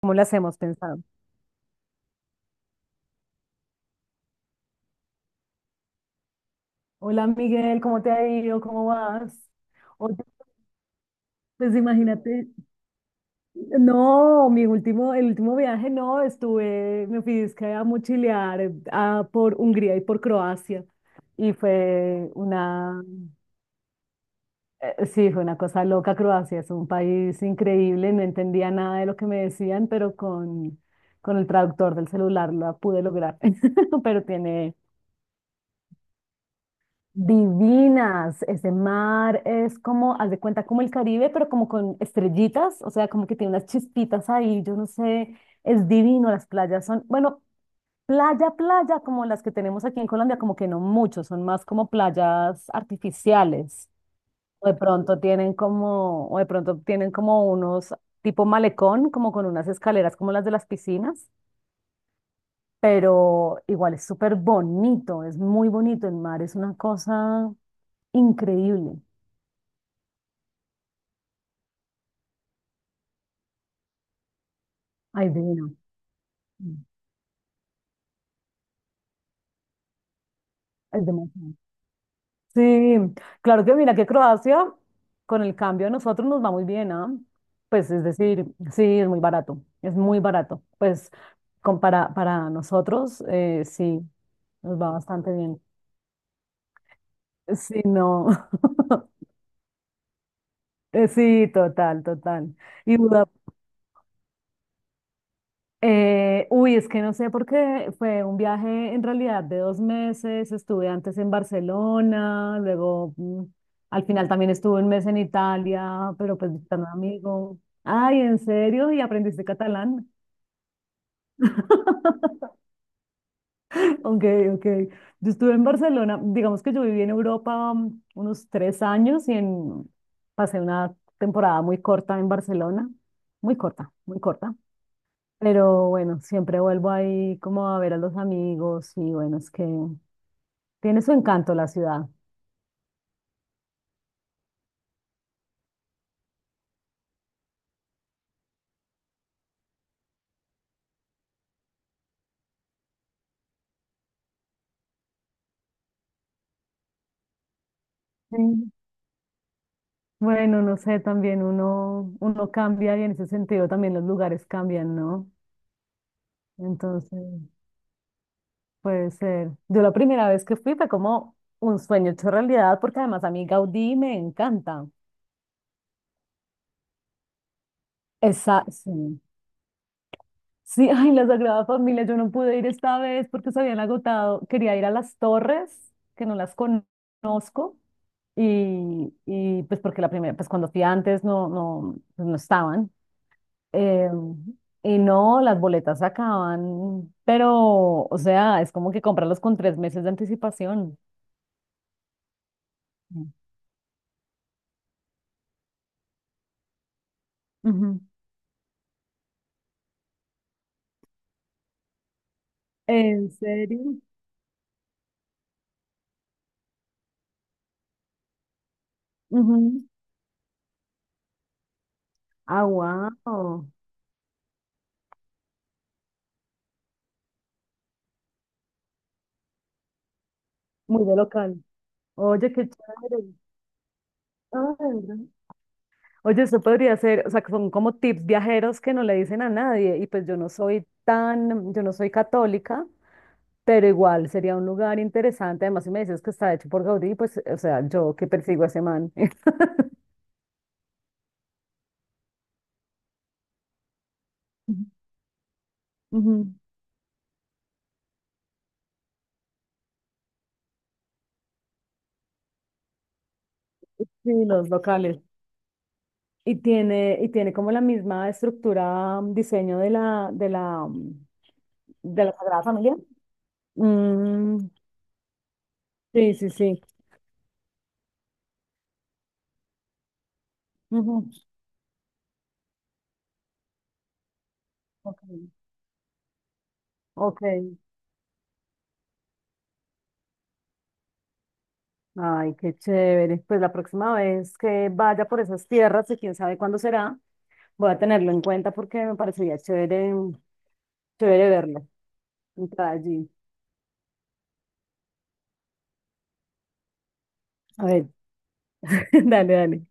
¿Cómo las hemos pensado? Hola Miguel, ¿cómo te ha ido? ¿Cómo vas? Oye, pues imagínate, no, el último viaje no, me fui es que a mochilear por Hungría y por Croacia y sí, fue una cosa loca Croacia, es un país increíble, no entendía nada de lo que me decían, pero con el traductor del celular la pude lograr. Pero tiene. Divinas, ese mar es como, haz de cuenta, como el Caribe, pero como con estrellitas, o sea, como que tiene unas chispitas ahí, yo no sé, es divino, las playas son, bueno, playa, playa, como las que tenemos aquí en Colombia, como que no mucho, son más como playas artificiales, o de pronto tienen como unos tipo malecón, como con unas escaleras como las de las piscinas, pero igual es súper bonito, es muy bonito, el mar es una cosa increíble. Ay, divino. Es demasiado. Sí, claro que mira que Croacia, con el cambio a nosotros nos va muy bien, ¿ah? Pues es decir, sí, es muy barato, es muy barato. Pues para nosotros, sí, nos va bastante bien. Sí, no. Sí, total, total. Y Budapest. Es que no sé por qué fue un viaje en realidad de 2 meses. Estuve antes en Barcelona, al final también estuve un mes en Italia, pero pues visitando a un amigo. Ay, ¿en serio? ¿Y aprendiste catalán? Ok, ok. Yo estuve en Barcelona, digamos que yo viví en Europa unos 3 años y en, pasé una temporada muy corta en Barcelona, muy corta, muy corta. Pero bueno, siempre vuelvo ahí como a ver a los amigos y bueno, es que tiene su encanto la ciudad. Sí. Bueno, no sé, también uno cambia y en ese sentido también los lugares cambian, ¿no? Entonces, puede ser. Yo la primera vez que fui fue como un sueño hecho realidad porque además a mí Gaudí me encanta. Esa, sí. Sí, ay, la Sagrada Familia, yo no pude ir esta vez porque se habían agotado. Quería ir a las torres, que no las conozco. Y, pues porque pues cuando fui antes no, no, pues no estaban. eh, y no, las boletas se acaban, pero, o sea, es como que comprarlas con 3 meses de anticipación. Ujú. ¿En serio? Ujú. Ah, wow. Muy de local. Oye, qué chévere. Ay, oye, eso podría ser, o sea, que son como tips viajeros que no le dicen a nadie. Y pues yo no soy tan, yo no soy católica, pero igual sería un lugar interesante. Además, si me dices que está hecho por Gaudí, pues, o sea, yo que persigo a ese man. Ujú. Ujú. Sí, los locales. Y tiene como la misma estructura, diseño de la Sagrada Familia. Mm, sí, sí, sí. Ujú, ok, ok. Ay, qué chévere. Pues la próxima vez que vaya por esas tierras, y quién sabe cuándo será, voy a tenerlo en cuenta porque me parecería chévere verlo, entrar allí. A ver, dale, dale.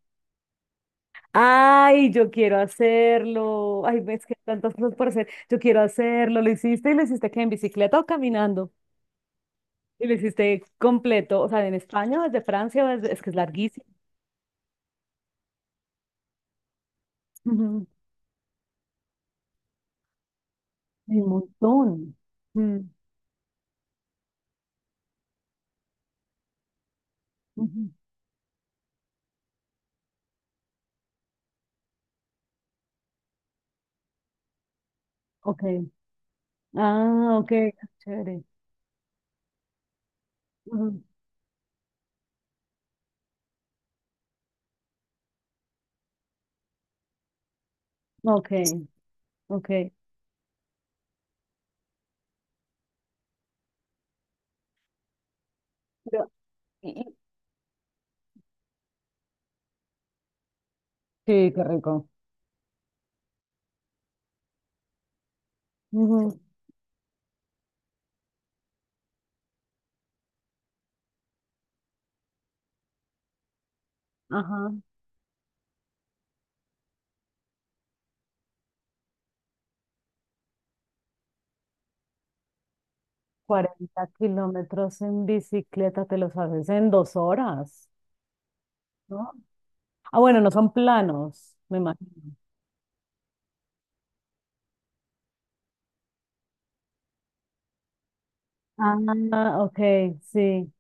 Ay, yo quiero hacerlo. Ay, ves que hay tantas cosas por hacer. Yo quiero hacerlo. ¿Lo hiciste y lo hiciste que en bicicleta o caminando? Y lo hiciste completo. O sea, ¿en España o desde Francia o desde. Es que es larguísimo. Ujú. Hay un montón. Mm, ujú. Ok. Ah, ok. Chévere. Ujú. Ok, ok. Pero- y- y- Sí, qué rico. Ujú. Ajá. 40 kilómetros en bicicleta te los haces en 2 horas, ¿no? Ah, bueno, no son planos, me imagino. Ah, ok, sí.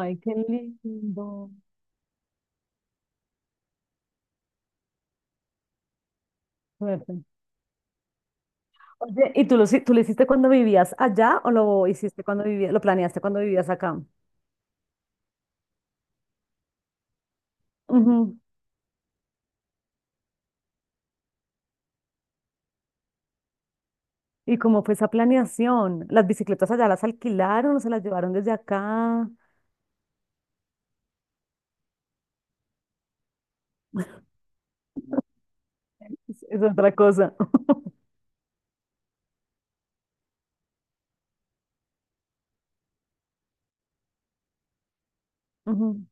Ay, qué lindo. Suerte. Oye, ¿ tú lo hiciste cuando vivías allá o lo hiciste cuando vivías, ¿lo planeaste cuando vivías acá? Ujú. ¿Y cómo fue esa planeación? ¿Las bicicletas allá las alquilaron o se las llevaron desde acá? Es otra cosa. Ujú,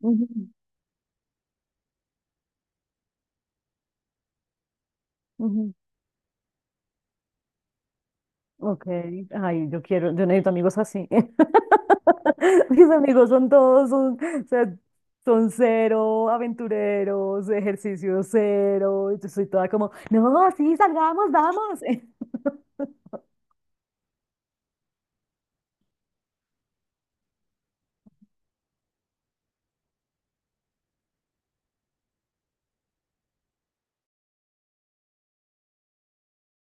ujú, ujú. Ok, ay, yo quiero, yo necesito amigos así. Mis amigos son todos, son, o sea, son cero aventureros, ejercicio cero. Y yo soy toda como, no, sí, salgamos, vamos.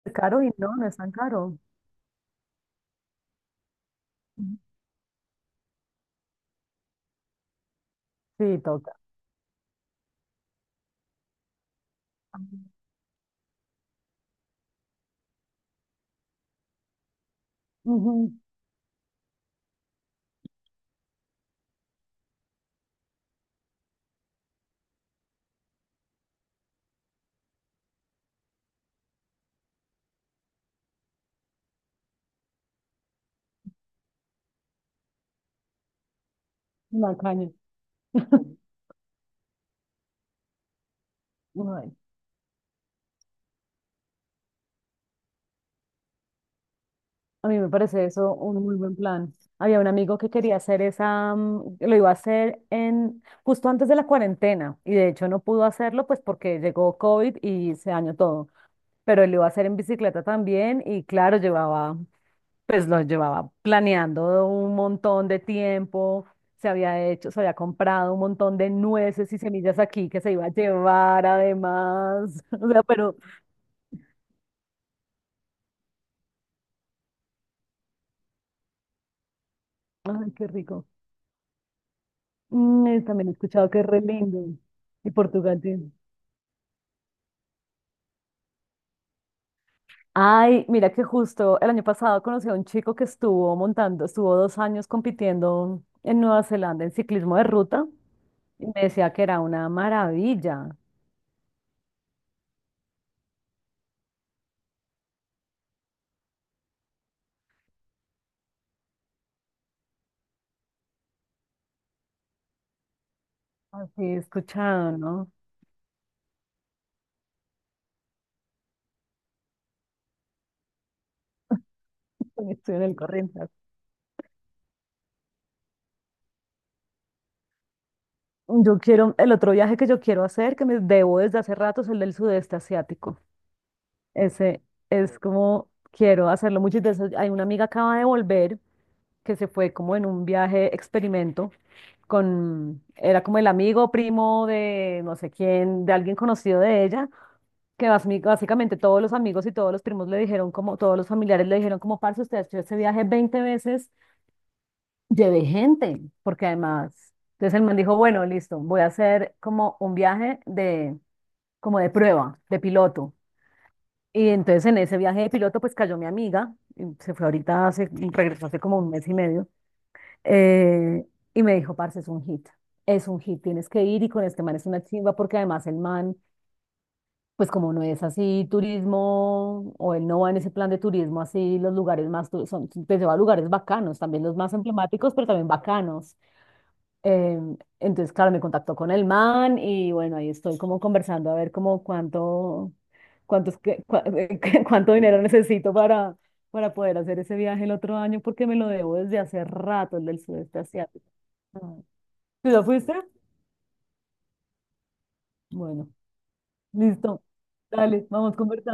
Es caro y no, no es tan caro. Sí, toca. Ujú, la caña. Ay, a mí me parece eso un muy buen plan. Había un amigo que quería hacer esa, lo iba a hacer en justo antes de la cuarentena y de hecho no pudo hacerlo pues porque llegó COVID y se dañó todo. Pero él iba a hacer en bicicleta también y claro, llevaba, pues lo llevaba planeando un montón de tiempo, se había hecho, se había comprado un montón de nueces y semillas aquí que se iba a llevar además, o sea, pero, ay, qué rico. Y también he escuchado que es re lindo. Y Portugal tiene. Ay, mira que justo el año pasado conocí a un chico que estuvo montando, estuvo 2 años compitiendo en Nueva Zelanda en ciclismo de ruta y me decía que era una maravilla. Así he escuchado, ¿no? También estoy en el corriente. Yo quiero, el otro viaje que yo quiero hacer, que me debo desde hace rato, es el del sudeste asiático. Ese es como, quiero hacerlo mucho. Hay una amiga acaba de volver, que se fue como en un viaje experimento con, era como el amigo primo de no sé quién, de alguien conocido de ella, que básicamente todos los amigos y todos los primos le dijeron como, todos los familiares le dijeron como, parce, usted ha hecho ese viaje 20 veces, llevé gente, porque además, entonces el man dijo, bueno, listo, voy a hacer como un viaje de, como de prueba, de piloto. Y entonces en ese viaje de piloto, pues cayó mi amiga, y se fue ahorita, regresó hace como un mes y medio, eh, y me dijo, parce, es un hit, tienes que ir y con este man es una chimba, porque además el man, pues como no es así turismo, o él no va en ese plan de turismo, así los lugares más, son, pues se va a lugares bacanos, también los más emblemáticos, pero también bacanos. Entonces, claro, me contactó con el man y bueno, ahí estoy como conversando a ver como cuánto, cuántos, que- cua- cuánto dinero necesito para poder hacer ese viaje el otro año porque me lo debo desde hace rato, el del sudeste asiático. Ah. ¿Tú ya fuiste? Bueno, listo. Dale, vamos conversando.